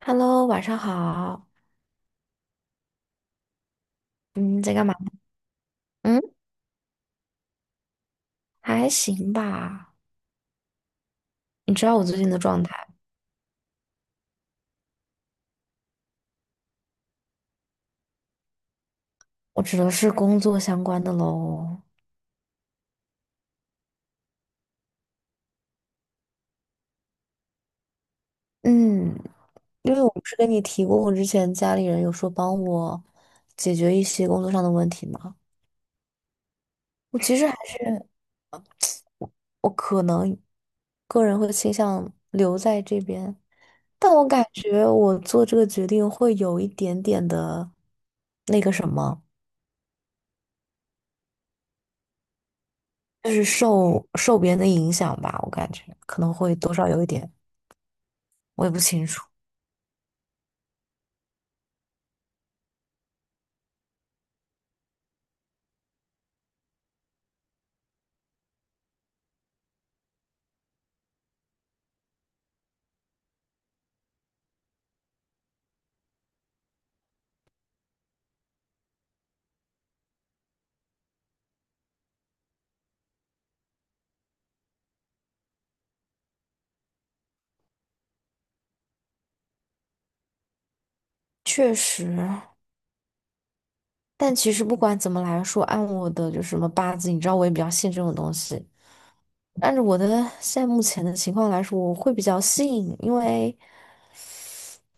Hello，晚上好。嗯，在干嘛？嗯，还行吧。你知道我最近的状态，我指的是工作相关的喽。嗯，因为我不是跟你提过，我之前家里人有说帮我解决一些工作上的问题吗？我其实还是我可能个人会倾向留在这边，但我感觉我做这个决定会有一点点的那个什么，就是受别人的影响吧，我感觉可能会多少有一点。我也不清楚，确实。但其实不管怎么来说，按我的就是什么八字，你知道我也比较信这种东西。按照我的现在目前的情况来说，我会比较信，因为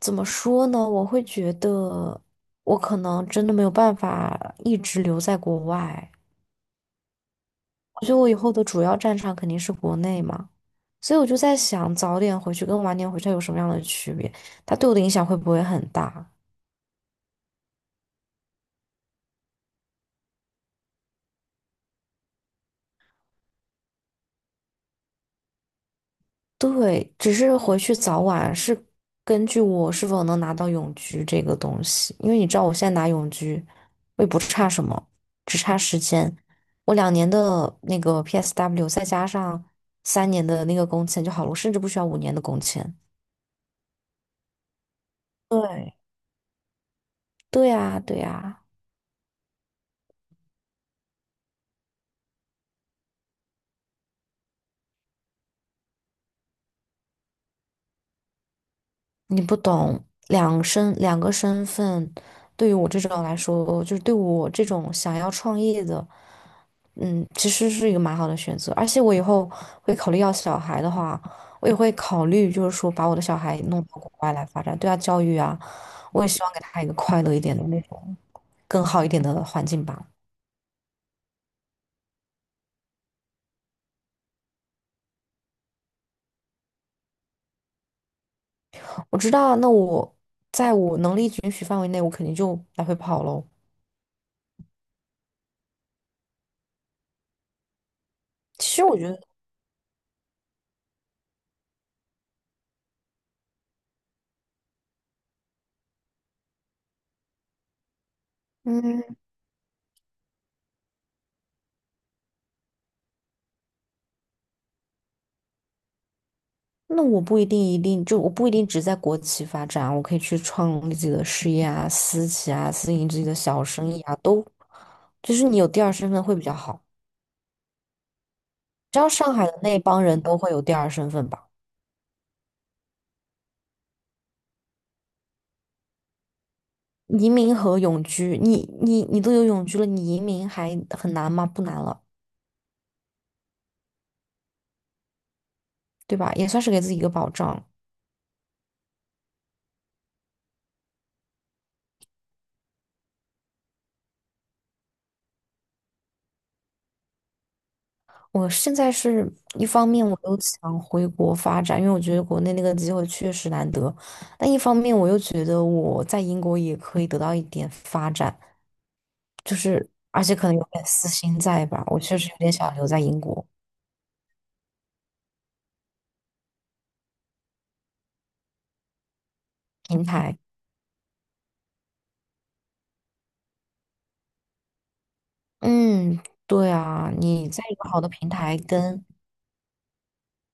怎么说呢，我会觉得我可能真的没有办法一直留在国外。我觉得我以后的主要战场肯定是国内嘛，所以我就在想，早点回去跟晚点回去有什么样的区别？它对我的影响会不会很大？对，只是回去早晚是根据我是否能拿到永居这个东西，因为你知道我现在拿永居，我也不差什么，只差时间。我两年的那个 PSW 再加上3年的那个工签就好了，我甚至不需要5年的工签。对，对呀，对呀，你不懂，两个身份，对于我这种来说，就是对我这种想要创业的。嗯，其实是一个蛮好的选择，而且我以后会考虑要小孩的话，我也会考虑，就是说把我的小孩弄到国外来发展，对他教育啊，我也希望给他一个快乐一点的那种，更好一点的环境吧。我知道，那我在我能力允许范围内，我肯定就来回跑喽。其实我觉得，嗯，那我不一定一定就我不一定只在国企发展，我可以去创立自己的事业啊，私企啊，私营自己的小生意啊，都就是你有第二身份会比较好。知道上海的那帮人都会有第二身份吧？移民和永居，你都有永居了，你移民还很难吗？不难了，对吧？也算是给自己一个保障。我现在是一方面我又想回国发展，因为我觉得国内那个机会确实难得，但一方面我又觉得我在英国也可以得到一点发展，就是而且可能有点私心在吧，我确实有点想留在英国平台。嗯，对啊，你在一个好的平台跟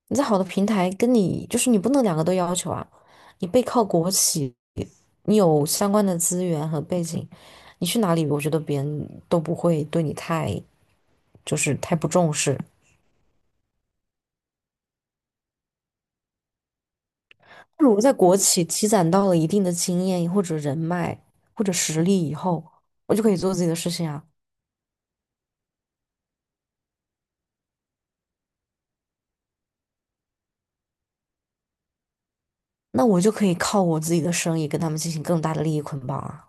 你在好的平台跟你就是你不能两个都要求啊，你背靠国企，你有相关的资源和背景，你去哪里，我觉得别人都不会对你太就是太不重视。如果在国企积攒到了一定的经验或者人脉或者实力以后，我就可以做自己的事情啊，那我就可以靠我自己的生意跟他们进行更大的利益捆绑啊。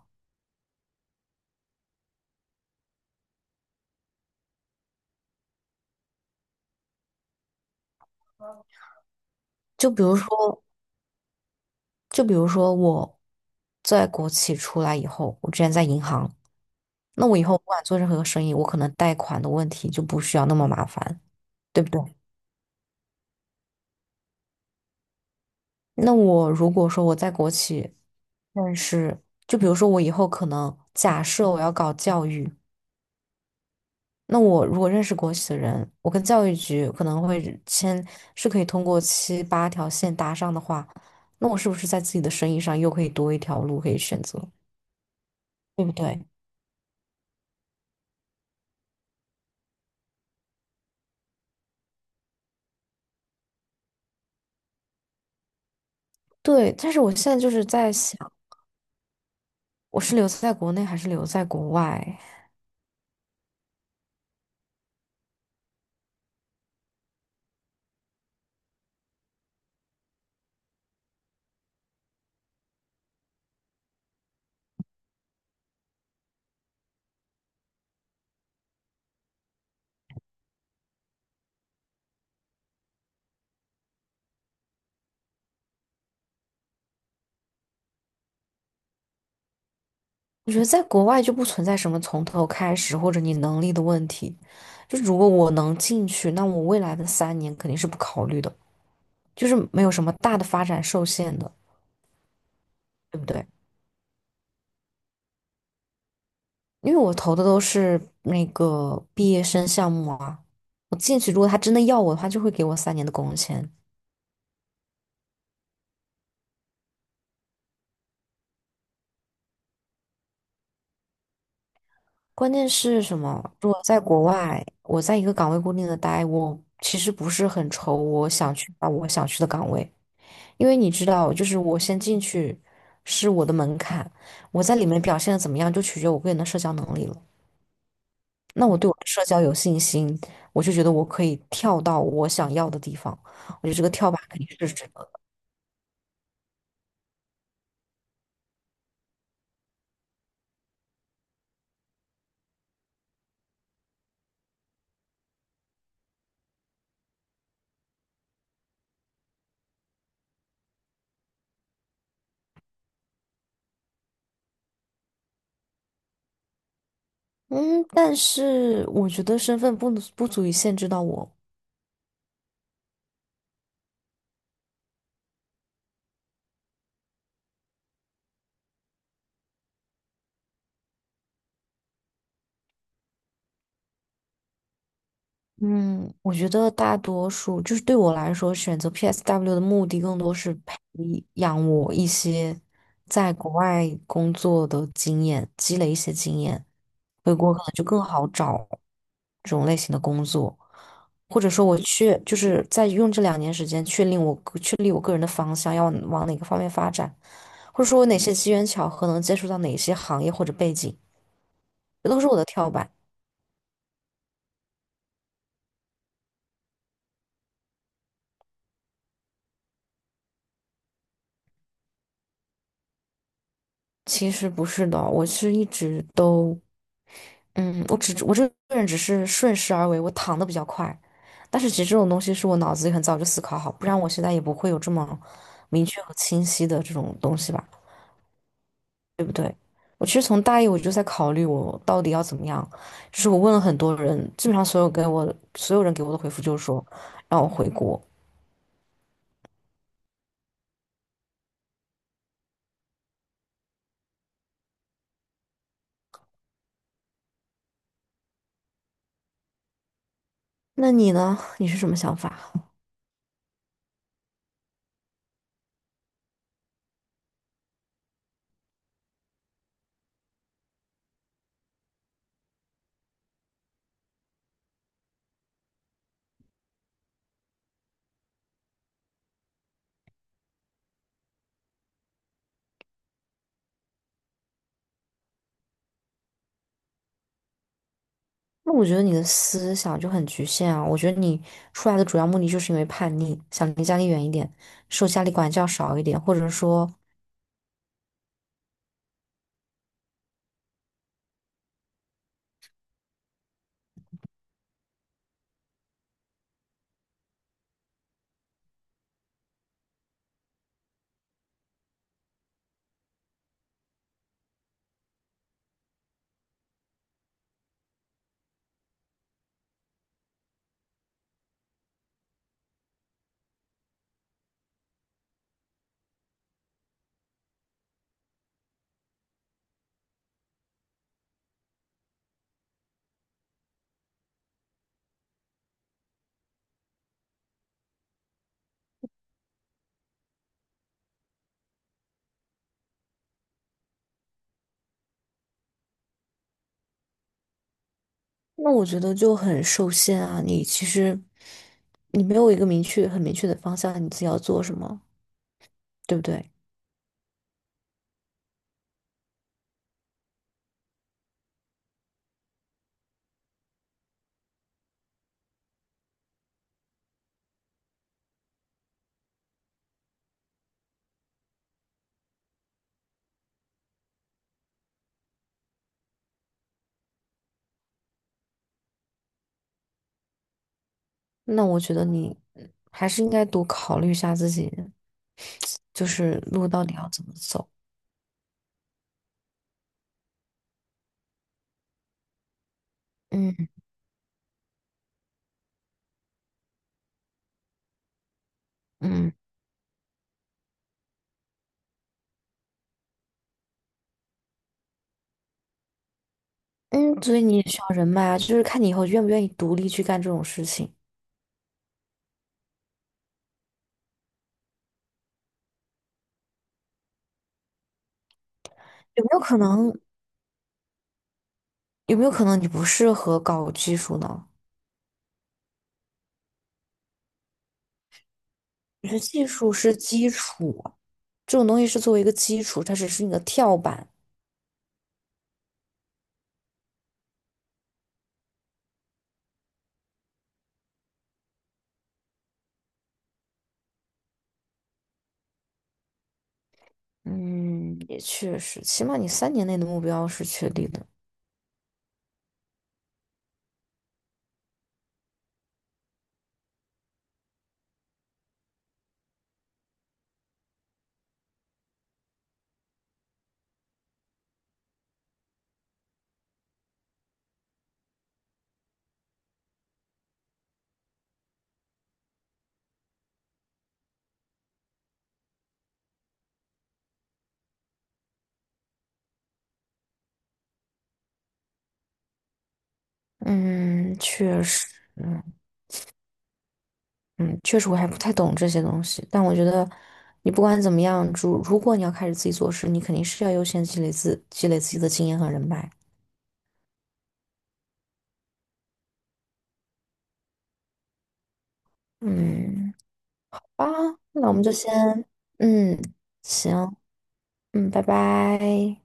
就比如说，我在国企出来以后，我之前在银行。那我以后不管做任何生意，我可能贷款的问题就不需要那么麻烦，对不对？那我如果说我在国企认识，就比如说我以后可能假设我要搞教育，那我如果认识国企的人，我跟教育局可能会签，是可以通过七八条线搭上的话，那我是不是在自己的生意上又可以多一条路可以选择，对不对？对，但是我现在就是在想，我是留在国内还是留在国外？我觉得在国外就不存在什么从头开始或者你能力的问题。就如果我能进去，那我未来的三年肯定是不考虑的，就是没有什么大的发展受限的，对不对？因为我投的都是那个毕业生项目啊，我进去如果他真的要我的话，就会给我三年的工签。关键是什么？如果在国外，我在一个岗位固定的待，我其实不是很愁我想去把我想去的岗位，因为你知道，就是我先进去是我的门槛，我在里面表现的怎么样，就取决于我个人的社交能力了。那我对我的社交有信心，我就觉得我可以跳到我想要的地方。我觉得这个跳板肯定是值得的。嗯，但是我觉得身份不能不足以限制到我。嗯，我觉得大多数就是对我来说，选择 PSW 的目的更多是培养我一些在国外工作的经验，积累一些经验，回国可能就更好找这种类型的工作，或者说我确就是在用这2年时间确定我个确立我个人的方向要往哪个方面发展，或者说我哪些机缘巧合能接触到哪些行业或者背景，这都是我的跳板。其实不是的，我是一直都。嗯，我只我这个人只是顺势而为，我躺的比较快，但是其实这种东西是我脑子里很早就思考好，不然我现在也不会有这么明确和清晰的这种东西吧，对不对？我其实从大一我就在考虑我到底要怎么样，就是我问了很多人，基本上所有人给我的回复就是说让我回国。那你呢？你是什么想法？那我觉得你的思想就很局限啊，我觉得你出来的主要目的就是因为叛逆，想离家里远一点。受家里管教少一点，或者说，那我觉得就很受限啊，你其实你没有一个明确、很明确的方向，你自己要做什么，对不对？那我觉得你还是应该多考虑一下自己，就是路到底要怎么走。嗯嗯嗯，所以你也需要人脉啊，就是看你以后愿不愿意独立去干这种事情。有没有可能？有没有可能你不适合搞技术呢？我觉得技术是基础啊这种东西是作为一个基础，它只是你的跳板。嗯，也确实，起码你3年内的目标是确定的。嗯，确实，嗯嗯，确实我还不太懂这些东西，但我觉得你不管怎么样，如果你要开始自己做事，你肯定是要优先积累自己的经验和人脉。嗯，啊，那我们就先，嗯，行，嗯，拜拜。